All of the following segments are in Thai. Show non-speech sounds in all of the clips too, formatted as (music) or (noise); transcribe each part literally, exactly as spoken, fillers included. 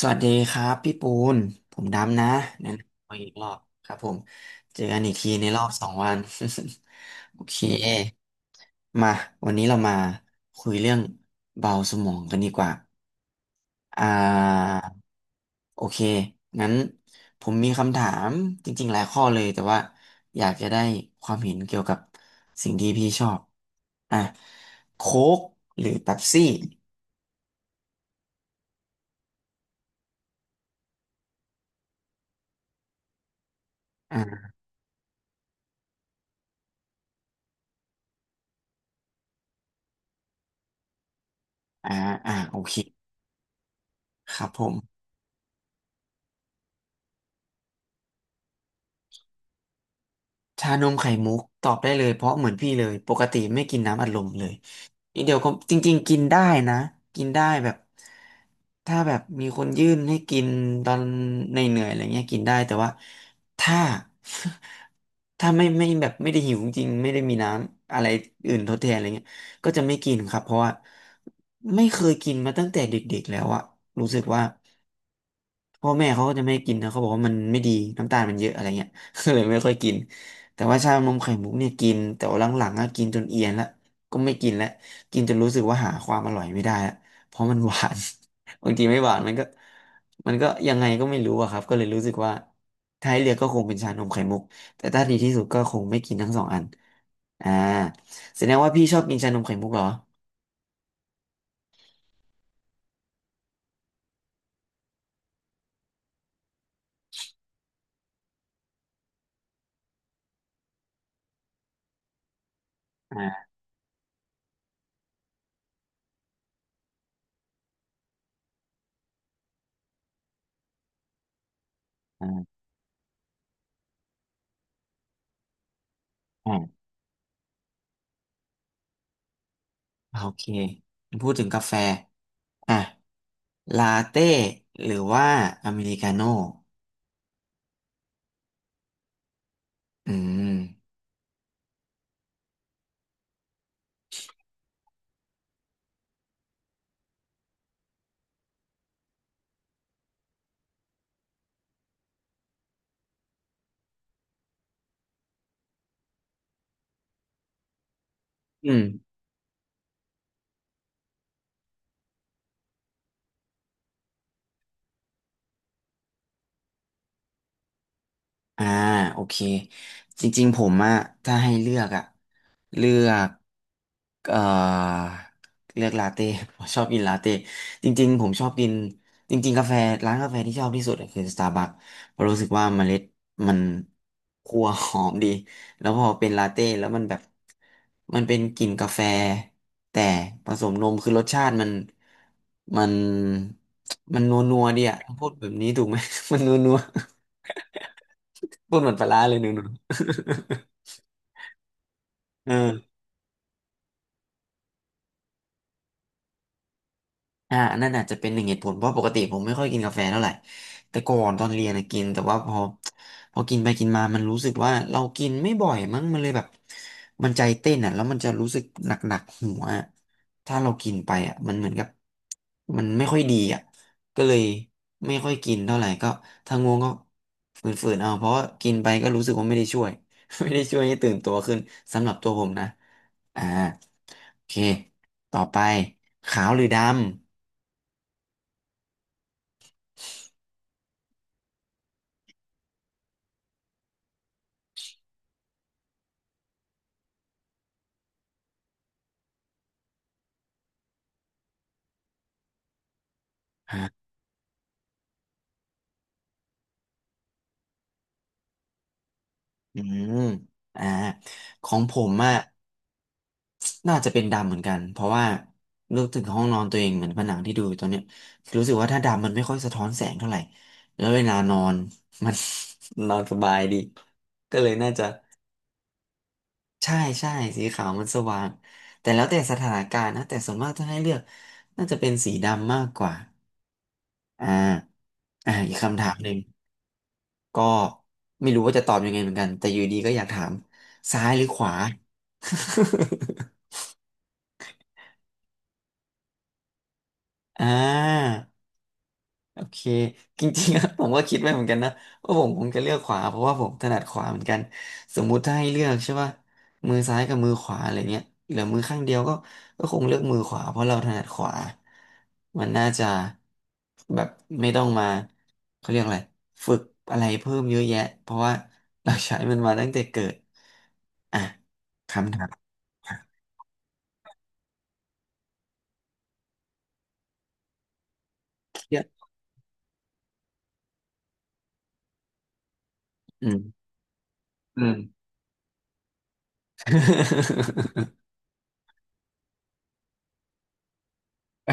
สวัสดีครับพี่ปูนผมดำนะแนะนำตัวอีกรอบครับผมเจอกันอีกทีในรอบสองวัน (laughs) โอเคมาวันนี้เรามาคุยเรื่องเบาสมองกันดีกว่าอ่าโอเคงั้นผมมีคำถามจริงๆหลายข้อเลยแต่ว่าอยากจะได้ความเห็นเกี่ยวกับสิ่งที่พี่ชอบอ่ะโค้กหรือเป๊ปซี่อ่าอ่าอ่าโอเคครับผม ชานมไข่มุกตอบได้เลยเพราะเหมือนพี่เลยปกติไม่กินน้ำอัดลมเลยอีกเดียวก็จริงๆกินได้นะกินได้แบบถ้าแบบมีคนยื่นให้กินตอนในเหนื่อยๆอะไรเงี้ยกินได้แต่ว่าถ้า (laughs) ถ้าไม่ไม่แบบไม่ได้หิวจริงไม่ได้มีน้ำอะไรอื่นทดแทนอะไรเงี้ยก็จะไม่กินครับเพราะว่าไม่เคยกินมาตั้งแต่เด็กๆแล้วอะรู้สึกว่า พ่อแม่เขาก็จะไม่ให้กินนะเขาบอกว่ามันไม่ดีน้ำตาลมันเยอะอะไรเงี้ย (laughs) ก็เลยไม่ค่อยกินแต่ว่าชานมไข่มุกเนี่ยกินแต่ว่าหลังๆก็กินจนเอียนละก็ไม่กินละกินจนรู้สึกว่าหาความอร่อยไม่ได้ละเพราะมันหวาน (laughs) บางทีไม่หวานมันก็มันก็ยังไงก็ไม่รู้อะครับก็เลยรู้สึกว่าถ้าให้เลือกก็คงเป็นชานมไข่มุกแต่ถ้าดีที่สุดก็คงไม่กินทั้งสองอันอ่าแสดงว่าพี่ชอบกินชานมไข่มุกเหรออ่าอ่าอ่าโอเคพูดถึงกาแฟ อ่ะลาเต้หรือว่าอเมริกาโน่อืมอืม อ่าโอเคจริงๆผมอะถ้าให้เลือกอะเลือกเอ่อเลือกลาเต้ (laughs) ผมชอบกินลาเต้จริงๆผมชอบกินจริงๆกาแฟร้านกาแฟที่ชอบที่สุดอะคือสตาร์บัคเพราะรู้สึกว่าเมล็ดมันคั่วหอมดีแล้วพอเป็นลาเต้แล้วมันแบบมันเป็นกลิ่นกาแฟแต่ผสมนมคือรสชาติมันมันมันนัวนัวดีอะพูดแบบนี้ถูกไหม (laughs) มันนัวนัว พูดเหมือนปลาร้าเลยหนูหนู (laughs) เออ อ่านั่นอาจจะเป็นหนึ่งเหตุผลเพราะปกติผมไม่ค่อยกินกาแฟเท่าไหร่ แต่ก่อนตอนเรียนนะกิน แต่ว่าพอพอกินไปกินมา มันรู้สึกว่าเรากินไม่บ่อยมั้งมันเลยแบบมันใจเต้นอ่ะแล้วมันจะรู้สึกหนักๆหัวอะถ้าเรากินไปอ่ะมันเหมือนกับมันไม่ค่อยดีอ่ะก็เลยไม่ค่อยกินเท่าไหร่ก็ถ้าง่วงก็ฝืนๆเอาเพราะว่ากินไปก็รู้สึกว่าไม่ได้ช่วย (laughs) ไม่ได้ช่วยให้ตื่นตัวขึ้นสำหรับตัวผมนะอ่าโอเคต่อไปขาวหรือดำ อืมอ่าของผมอ่ะน่าจะเป็นดำเหมือนกันเพราะว่านึกถึงห้องนอนตัวเองเหมือนผนังที่ดูอยู่ตอนเนี้ยรู้สึกว่าถ้าดำมันไม่ค่อยสะท้อนแสงเท่าไหร่แล้วเวลานอน (laughs) มัน (laughs) นอนสบายดีก็เลยน่าจะใช่ใช่สีขาวมันสว่างแต่แล้วแต่สถานการณ์นะแต่ส่วนมากถ้าให้เลือกน่าจะเป็นสีดำมากกว่าอ่าอ่าอีกคำถามหนึ่ง ก็ไม่รู้ว่าจะตอบยังไงเหมือนกันแต่อยู่ดีก็อยากถามซ้ายหรือขวา (laughs) อ่า โอเคจริงๆอะ (laughs) ผมก็คิดไว้เหมือนกันนะว่าผมคงจะเลือกขวาเพราะว่าผมถนัดขวาเหมือนกันสมมุติถ้าให้เลือกใช่ป่ะมือซ้ายกับมือขวาอะไรเงี้ยเหลือมือข้างเดียวก็ก็คงเลือกมือขวาเพราะเราถนัดขวามันน่าจะแบบไม่ต้องมาเขาเรียกอะไรฝึกอะไรเพิ่มเยอะแยะเพราะว่าเราใช้มันมาตั้งแต่เกิดอ่ะคำถามเครียดอืมอืม (laughs) (laughs) เออ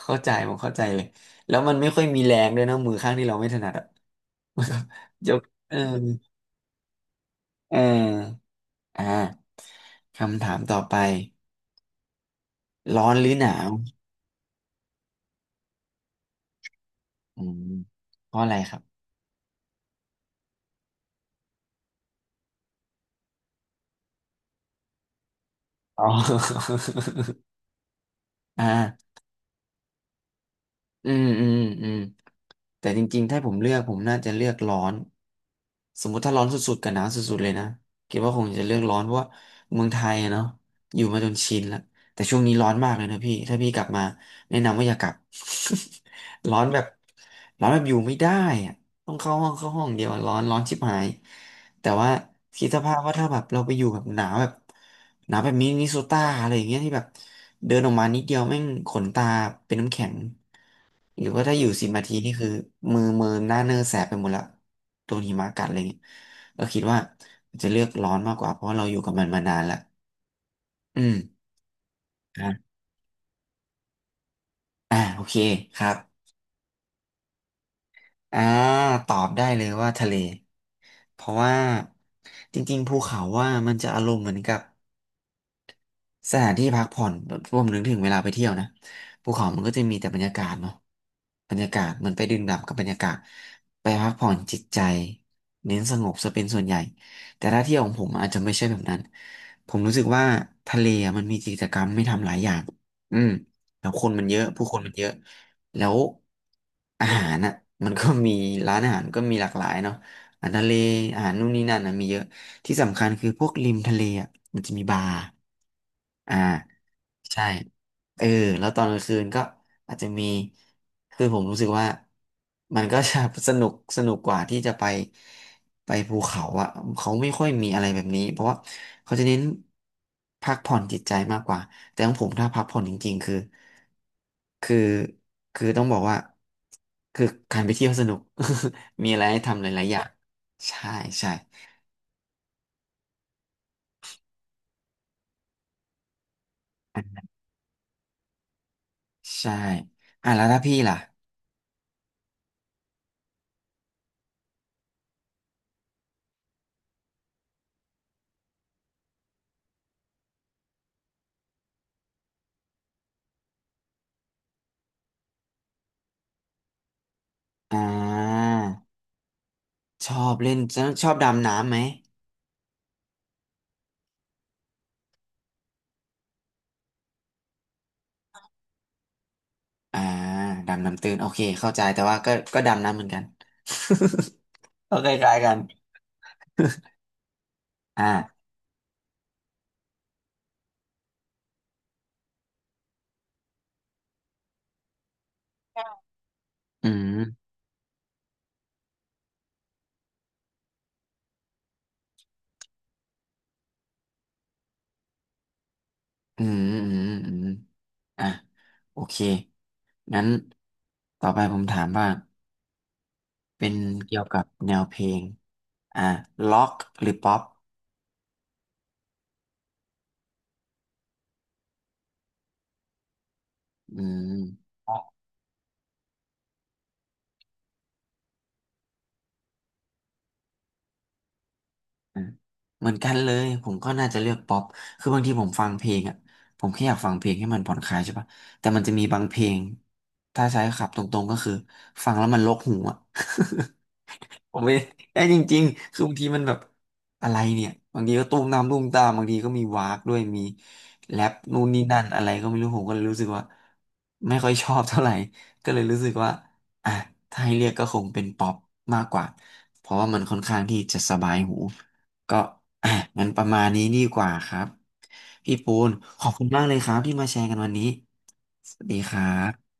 เข้าใจผมเข้าใจเลยแล้วมันไม่ค่อยมีแรงด้วยนะมือข้างที่เราไม่ถนัดอ่ะ (laughs) มันก็ยกเออเอออ่าคำถามต่อไปร้อนหรือหนาวอืมเพราะอะไรครับอ๋อ (laughs) อ่า อืมอืมอืมแต่จริงๆถ้าผมเลือกผมน่าจะเลือกร้อนสมมุติถ้าร้อนสุดๆกับหนาวสุดๆเลยนะคิดว่าคงจะเลือกร้อนเพราะว่าเมืองไทยอะเนาะอยู่มาจนชินแล้วแต่ช่วงนี้ร้อนมากเลยนะพี่ถ้าพี่กลับมาแนะนำว่าอย่ากลับ (laughs) ร้อนแบบร้อนแบบอยู่ไม่ได้อะต้องเข้าห้องเข้าห้องเดียวอะร้อนร้อนชิบหาย แต่ว่าคิดสภาพว่าถ้าแบบเราไปอยู่แบบหนาวแบบหนาวแบบมินนิโซตาอะไรอย่างเงี้ยที่แบบเดินออกมานิดเดียวแม่งขนตาเป็นน้ำแข็งหรือว่าถ้าอยู่สิบนาทีนี่คือมือมือหน้าเนอแสบไปหมดละโดนหิมะกัดอะไรเงี้ยก็คิดว่าจะเลือกร้อนมากกว่าเพราะว่าเราอยู่กับมันมานานละอืมอ่ะอ่าโอเคครับอ่าตอบได้เลยว่าทะเลเพราะว่าจริงๆภูเขาว่ามันจะอารมณ์เหมือนกับ สถานที่พักผ่อนแบบรวมถึงถึงเวลาไปเที่ยวนะภูเขามันก็จะมีแต่บรรยากาศเนาะบรรยากาศมันไปดื่มด่ำกับบรรยากาศไปพักผ่อนจิตใจเน้นสงบซะเป็นส่วนใหญ่แต่ถ้าเที่ยวของผมอาจจะไม่ใช่แบบนั้นผมรู้สึกว่าทะเลอะมันมีกิจกรรมไม่ทำหลายอย่างอืมแล้วคนมันเยอะผู้คนมันเยอะแล้วอาหารอ่ะมันก็มีร้านอาหารก็มีหลากหลายเนาะอาหารทะเลอาหารนู่นนี่นั่นนะมีเยอะ ที่สำคัญคือพวกริมทะเลอ่ะมันจะมีบาร์อ่าใช่เออแล้วตอนกลางคืนก็อาจจะมีคือผมรู้สึกว่ามันก็ (laughs) จะสนุกสนุกกว่าที่จะไปไปภูเขาอ่ะเขาไม่ค่อยมีอะไรแบบนี้เพราะว่าเขาจะเน้นพักผ่อนจิตใจมากกว่าแต่ของผมถ้าพักผ่อนจริงๆคือคือคือต้องบอกว่าคือการไปเที่ยวสนุก (laughs) มีอะไรให้ทำหลายๆอย่างใช่ใช่ ใช่อ่ะแล้วถ้าพี่ล่ะอ่าชอบเล่นชอบดำน้ำไหมอ่าดำน้ำตื้นโอเคเข้าใจแต่ว่าก็ก็ดำน้ำเหมือนกัน (laughs) ก็คล้ายๆกันอ่าอืมอืมอืมอืมอ่ะโอเคงั้นต่อไปผมถามว่าเป็นเกี่ยวกับแนวเพลงอ่าล็อกหรือป๊อปอืม อ่ะเหมือนกันเลยผมก็น่าจะเลือกป๊อปคือบางทีผมฟังเพลงอ่ะผมแค่อยากฟังเพลงให้มันผ่อนคลายใช่ปะแต่มันจะมีบางเพลงถ้าใช้ขับตรงๆก็คือฟังแล้วมันรกหูอ่ะ (laughs) ผมไม่ได้จริงๆคือบางทีมันแบบอะไรเนี่ย บางทีก็ตุ้มน้ำตุ้มตามบางทีก็มีวากด้วย มีแรปนู่นนี่นั่นอะไรก็ไม่รู้ ผมก็เลยรู้สึกว่าไม่ค่อยชอบเท่าไหร่ ก็เลยรู้สึกว่าอ่ะถ้าให้เรียกก็คงเป็นป๊อปมากกว่า เพราะว่ามันค่อนข้างที่จะสบายหูก็อ่ะงั้นประมาณนี้ดีกว่าครับพี่ปูนขอบคุณมากเลยครับที่มาแชร์กันวันนี้สวัสดีครับ